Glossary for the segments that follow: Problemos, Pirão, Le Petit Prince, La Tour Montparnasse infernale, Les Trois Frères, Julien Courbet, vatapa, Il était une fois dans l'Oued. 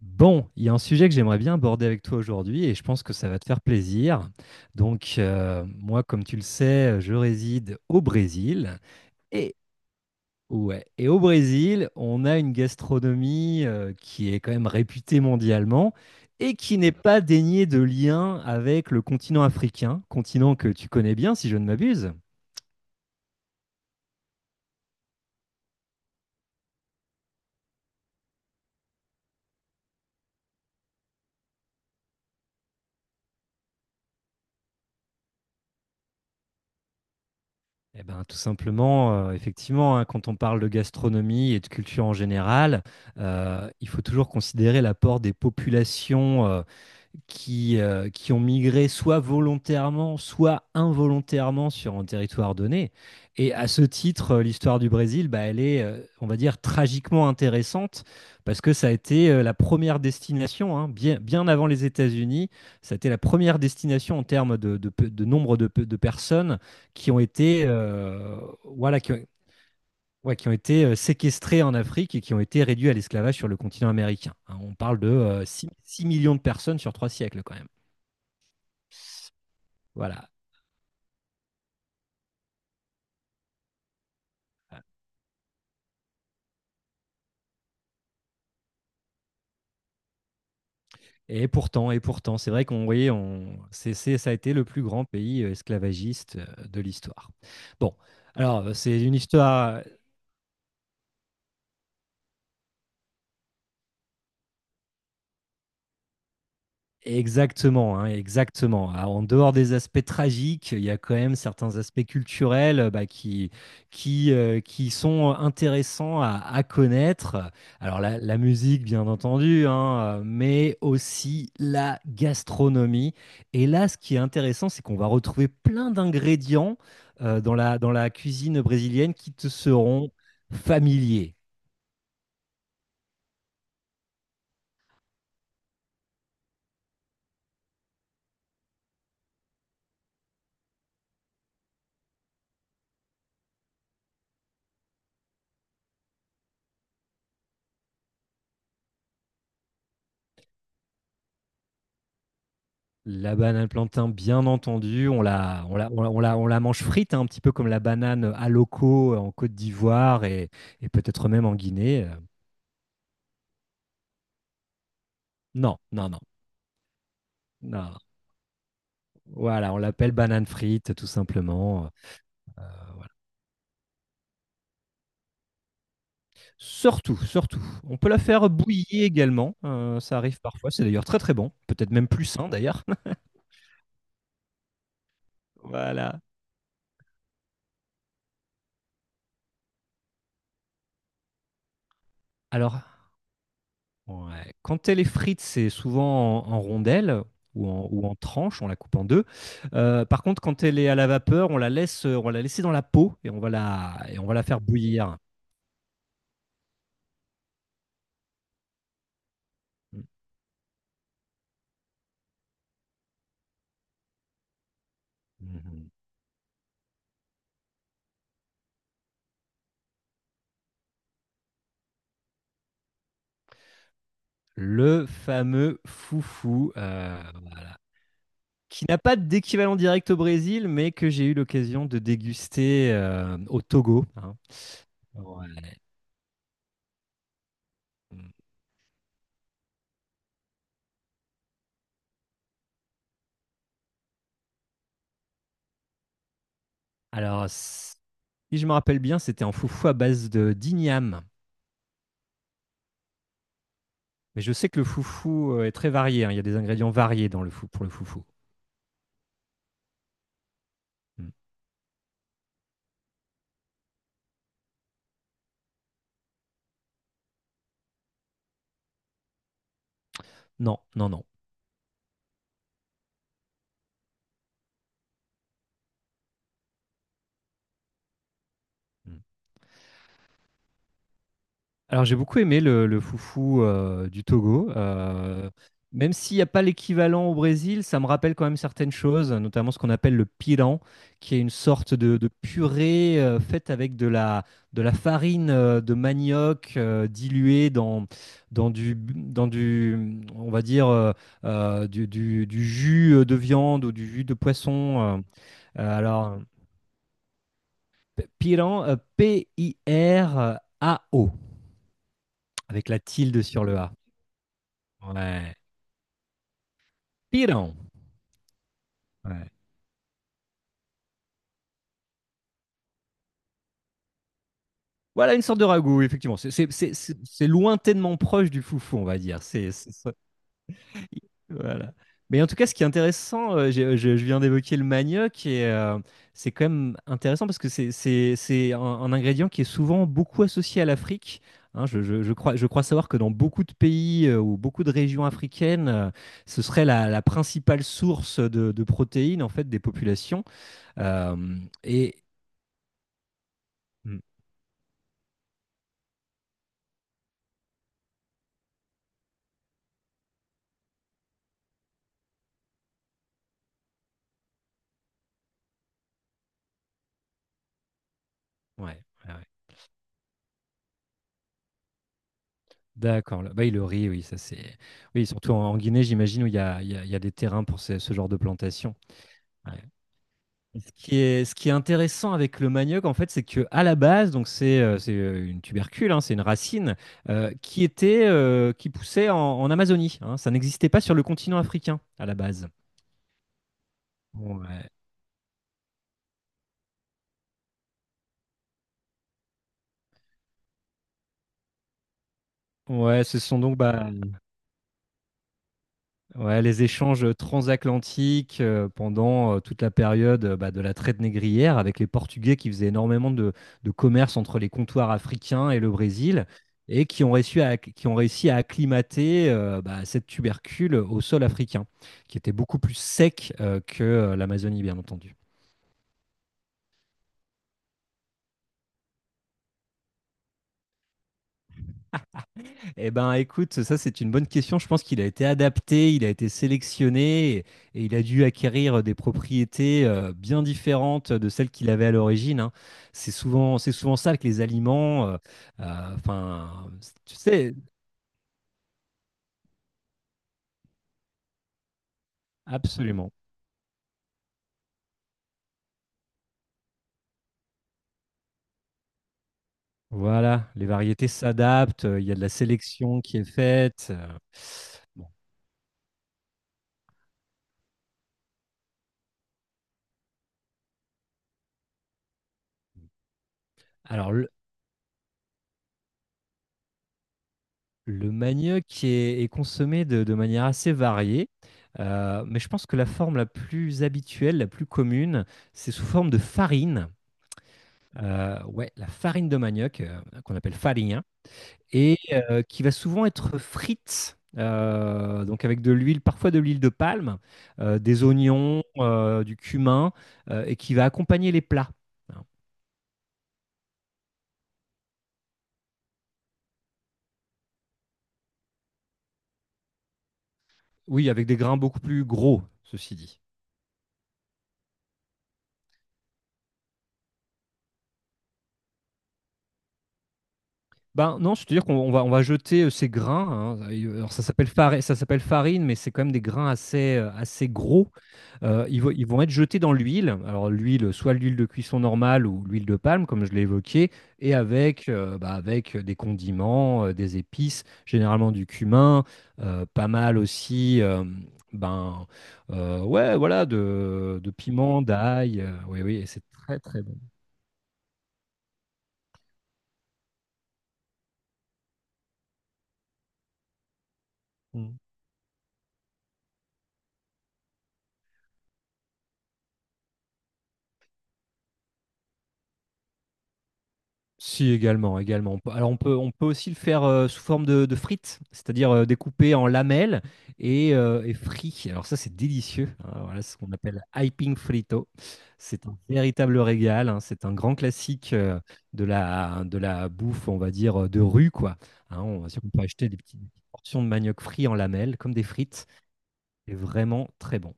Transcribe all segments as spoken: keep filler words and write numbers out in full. Bon, il y a un sujet que j'aimerais bien aborder avec toi aujourd'hui et je pense que ça va te faire plaisir. Donc, euh, moi, comme tu le sais, je réside au Brésil. Et, ouais, et au Brésil, on a une gastronomie euh, qui est quand même réputée mondialement et qui n'est pas déniée de lien avec le continent africain, continent que tu connais bien si je ne m'abuse. Eh ben, tout simplement, heu, effectivement, hein, quand on parle de gastronomie et de culture en général, heu, il faut toujours considérer l'apport des populations, heu, qui, euh, qui ont migré soit volontairement, soit involontairement sur un territoire donné. Et à ce titre, euh, l'histoire du Brésil, bah, elle est, euh, on va dire, tragiquement intéressante parce que ça a été euh, la première destination, hein, bien, bien avant les États-Unis. Ça a été la première destination en termes de, de pe- de nombre de, pe- de personnes qui ont été, euh, voilà, qui ont, ouais, qui ont été euh, séquestrées en Afrique et qui ont été réduites à l'esclavage sur le continent américain, hein. On parle de euh, six millions de personnes sur trois siècles quand même. Voilà. Et pourtant, et pourtant, c'est vrai qu'on voyait, on, c'est, c'est- ça a été le plus grand pays euh, esclavagiste euh, de l'histoire. Bon, alors, euh, c'est une histoire. Exactement, hein, exactement. Alors, en dehors des aspects tragiques, il y a quand même certains aspects culturels, euh, bah, qui, qui, euh, qui sont intéressants à, à connaître. Alors la, la musique, bien entendu, hein, euh, mais aussi la gastronomie. Et là, ce qui est intéressant, c'est qu'on va retrouver plein d'ingrédients, euh, dans la, dans la cuisine brésilienne qui te seront familiers. La banane plantain, bien entendu, on la, on la, on la, on la, on la mange frite, hein, un petit peu comme la banane à loco en Côte d'Ivoire, et, et peut-être même en Guinée. Euh, Non, non, non, non. Voilà, on l'appelle banane frite, tout simplement. euh. Surtout, surtout. On peut la faire bouillir également. Euh, ça arrive parfois. C'est d'ailleurs très très bon. Peut-être même plus sain d'ailleurs. Alors, Ouais. Quand elle est frite, c'est souvent en, en rondelles ou en, ou en tranches, on la coupe en deux. Euh, par contre, quand elle est à la vapeur, on la laisse, euh, on va la laisser dans la peau et on va la, et on va la faire bouillir. Mhm. Le fameux foufou, euh, qui n'a pas d'équivalent direct au Brésil, mais que j'ai eu l'occasion de déguster euh, au Togo, hein. Ouais. Alors, si je me rappelle bien, c'était un foufou à base de d'igname. Mais je sais que le foufou, euh, est très varié, hein. Il y a des ingrédients variés dans le fou pour le foufou. Mm. Non, non, non. Mm. Alors j'ai beaucoup aimé le, le foufou euh, du Togo. Euh, même s'il n'y a pas l'équivalent au Brésil, ça me rappelle quand même certaines choses, notamment ce qu'on appelle le piran, qui est une sorte de, de purée, euh, faite avec de la, de la farine euh, de manioc, euh, diluée dans, dans du, dans du, on va dire, euh, euh, du, du- du jus de viande ou du jus de poisson. Euh, euh, alors, p- piran, euh, P I R A O, avec la tilde sur le A. Ouais. Pirão. Ouais. Voilà, une sorte de ragoût, effectivement. C'est c'est- c'est- c'est- c'est lointainement proche du foufou, on va dire. C'est, c'est ça. Voilà. Mais en tout cas, ce qui est intéressant, euh, j'ai- je, je viens d'évoquer le manioc, et euh, c'est quand même intéressant parce que c'est c'est- c'est un, un ingrédient qui est souvent beaucoup associé à l'Afrique. Hein, je, je- je crois, je crois savoir que dans beaucoup de pays, euh, ou beaucoup de régions africaines, euh, ce serait la, la principale source de, de protéines en fait des populations. Euh, et Mm. Ouais, ouais, ouais. D'accord, là-bas, il le riz, oui, ça c'est. Oui, surtout en, en Guinée, j'imagine, où il y a, il y a- il y a des terrains pour ce, ce genre de plantation. Ouais. Et Ce qui est, ce qui est intéressant avec le manioc, en fait, c'est que à la base, donc c'est euh, c'est, euh, une tubercule, hein, c'est une racine, euh, qui était, euh, qui poussait en, en Amazonie, hein. Ça n'existait pas sur le continent africain à la base. Ouais. Ouais, ce sont donc, bah, ouais, les échanges transatlantiques, euh, pendant euh, toute la période, euh, bah, de la traite négrière avec les Portugais qui faisaient énormément de, de commerce entre les comptoirs africains et le Brésil, et qui ont réussi à, qui ont réussi à acclimater, euh, bah, cette tubercule au sol africain, qui était beaucoup plus sec, euh, que euh, l'Amazonie, bien entendu. Eh ben, écoute, ça c'est une bonne question. Je pense qu'il a été adapté, il a été sélectionné, et, et il a dû acquérir des propriétés, euh, bien différentes de celles qu'il avait à l'origine, hein. C'est souvent, c'est souvent ça avec les aliments. euh, euh, Enfin, tu sais. Absolument. Voilà, les variétés s'adaptent. euh, Il y a de la sélection qui est faite. euh. Bon. Alors, le manioc est, est consommé de, de manière assez variée, euh, mais je pense que la forme la plus habituelle, la plus commune, c'est sous forme de farine. Euh, ouais, la farine de manioc, euh, qu'on appelle farine, et euh, qui va souvent être frite, euh, donc avec de l'huile, parfois de l'huile de palme, euh, des oignons, euh, du cumin, euh, et qui va accompagner les plats. Oui, avec des grains beaucoup plus gros, ceci dit. Ben non, c'est-à-dire qu'on on va, on va jeter, euh, ces grains, hein. Et, euh, Alors ça s'appelle farine, ça s'appelle farine, mais c'est quand même des grains assez, euh, assez gros. Euh, ils, vont, ils vont être jetés dans l'huile. Alors l'huile, soit l'huile de cuisson normale ou l'huile de palme, comme je l'ai évoqué, et avec, euh, bah, avec des condiments, euh, des épices, généralement du cumin, euh, pas mal aussi. euh, ben, euh, ouais, voilà, de, de piment, d'ail. Euh, oui, oui, et c'est très très bon. Mm. Si, également, également. On peut- Alors, on peut, on peut aussi le faire, euh, sous forme de, de frites, c'est-à-dire, euh, découpé en lamelles et, euh, et frit. Alors ça, c'est délicieux, hein. Voilà, c'est ce qu'on appelle hyping frito. C'est un véritable régal, hein. C'est un grand classique, euh, de la, de la bouffe, on va dire, euh, de rue, quoi. Hein, on va dire qu'on peut acheter des petites, des petites portions de manioc frit en lamelles, comme des frites. C'est vraiment très bon.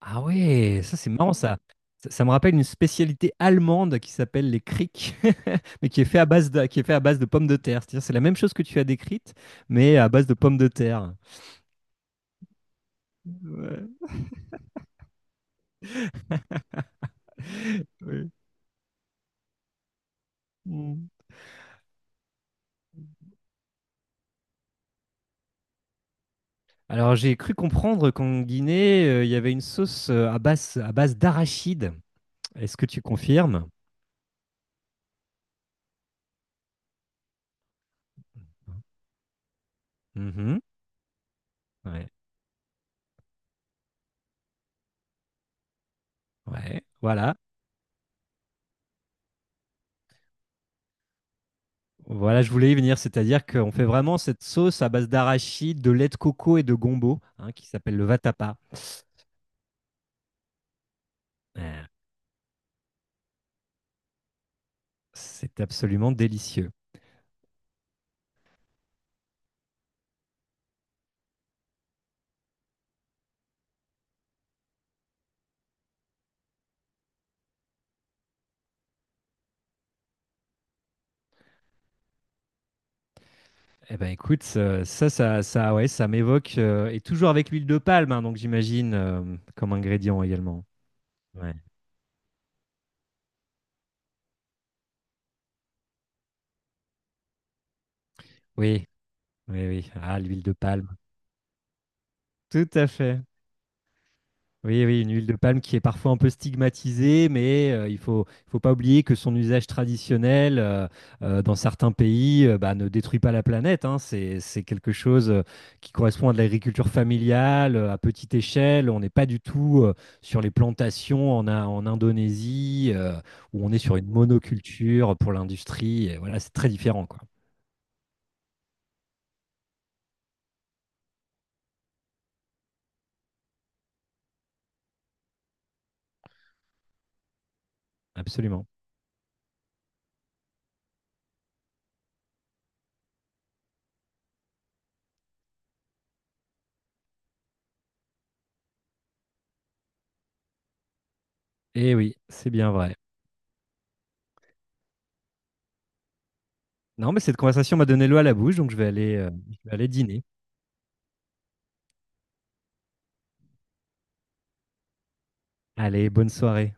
Ah ouais, ça c'est marrant ça. Ça, ça me rappelle une spécialité allemande qui s'appelle les crics, mais qui est fait à base de, qui est fait à base de pommes de terre. C'est-à-dire c'est la même chose que tu as décrite, mais à base de pommes de terre. Ouais. Ouais. Mm. Alors j'ai cru comprendre qu'en Guinée, euh, il y avait une sauce, euh, à base, à base d'arachide. Est-ce que tu confirmes? Mhm. Ouais. Ouais. Voilà. Voilà, je voulais y venir, c'est-à-dire qu'on fait vraiment cette sauce à base d'arachide, de lait de coco et de gombo, hein, qui s'appelle le vatapa. Euh, C'est absolument délicieux. Eh ben, écoute, ça, ça, ça, ça, ouais, ça m'évoque, euh, et toujours avec l'huile de palme, hein, donc j'imagine, euh, comme ingrédient également. Ouais. Oui, oui, oui. Ah, l'huile de palme. Tout à fait. Oui, oui, une huile de palme qui est parfois un peu stigmatisée, mais, euh, il faut, il faut pas oublier que son usage traditionnel, euh, euh, dans certains pays, euh, bah, ne détruit pas la planète, hein. C'est, c'est quelque chose, euh, qui correspond à de l'agriculture familiale, euh, à petite échelle. On n'est pas du tout, euh, sur les plantations en, In- en Indonésie, euh, où on est sur une monoculture pour l'industrie. Et voilà, c'est très différent, quoi. Absolument. Et oui, c'est bien vrai. Non, mais cette conversation m'a donné l'eau à la bouche, donc je vais aller, euh, je vais aller dîner. Allez, bonne soirée.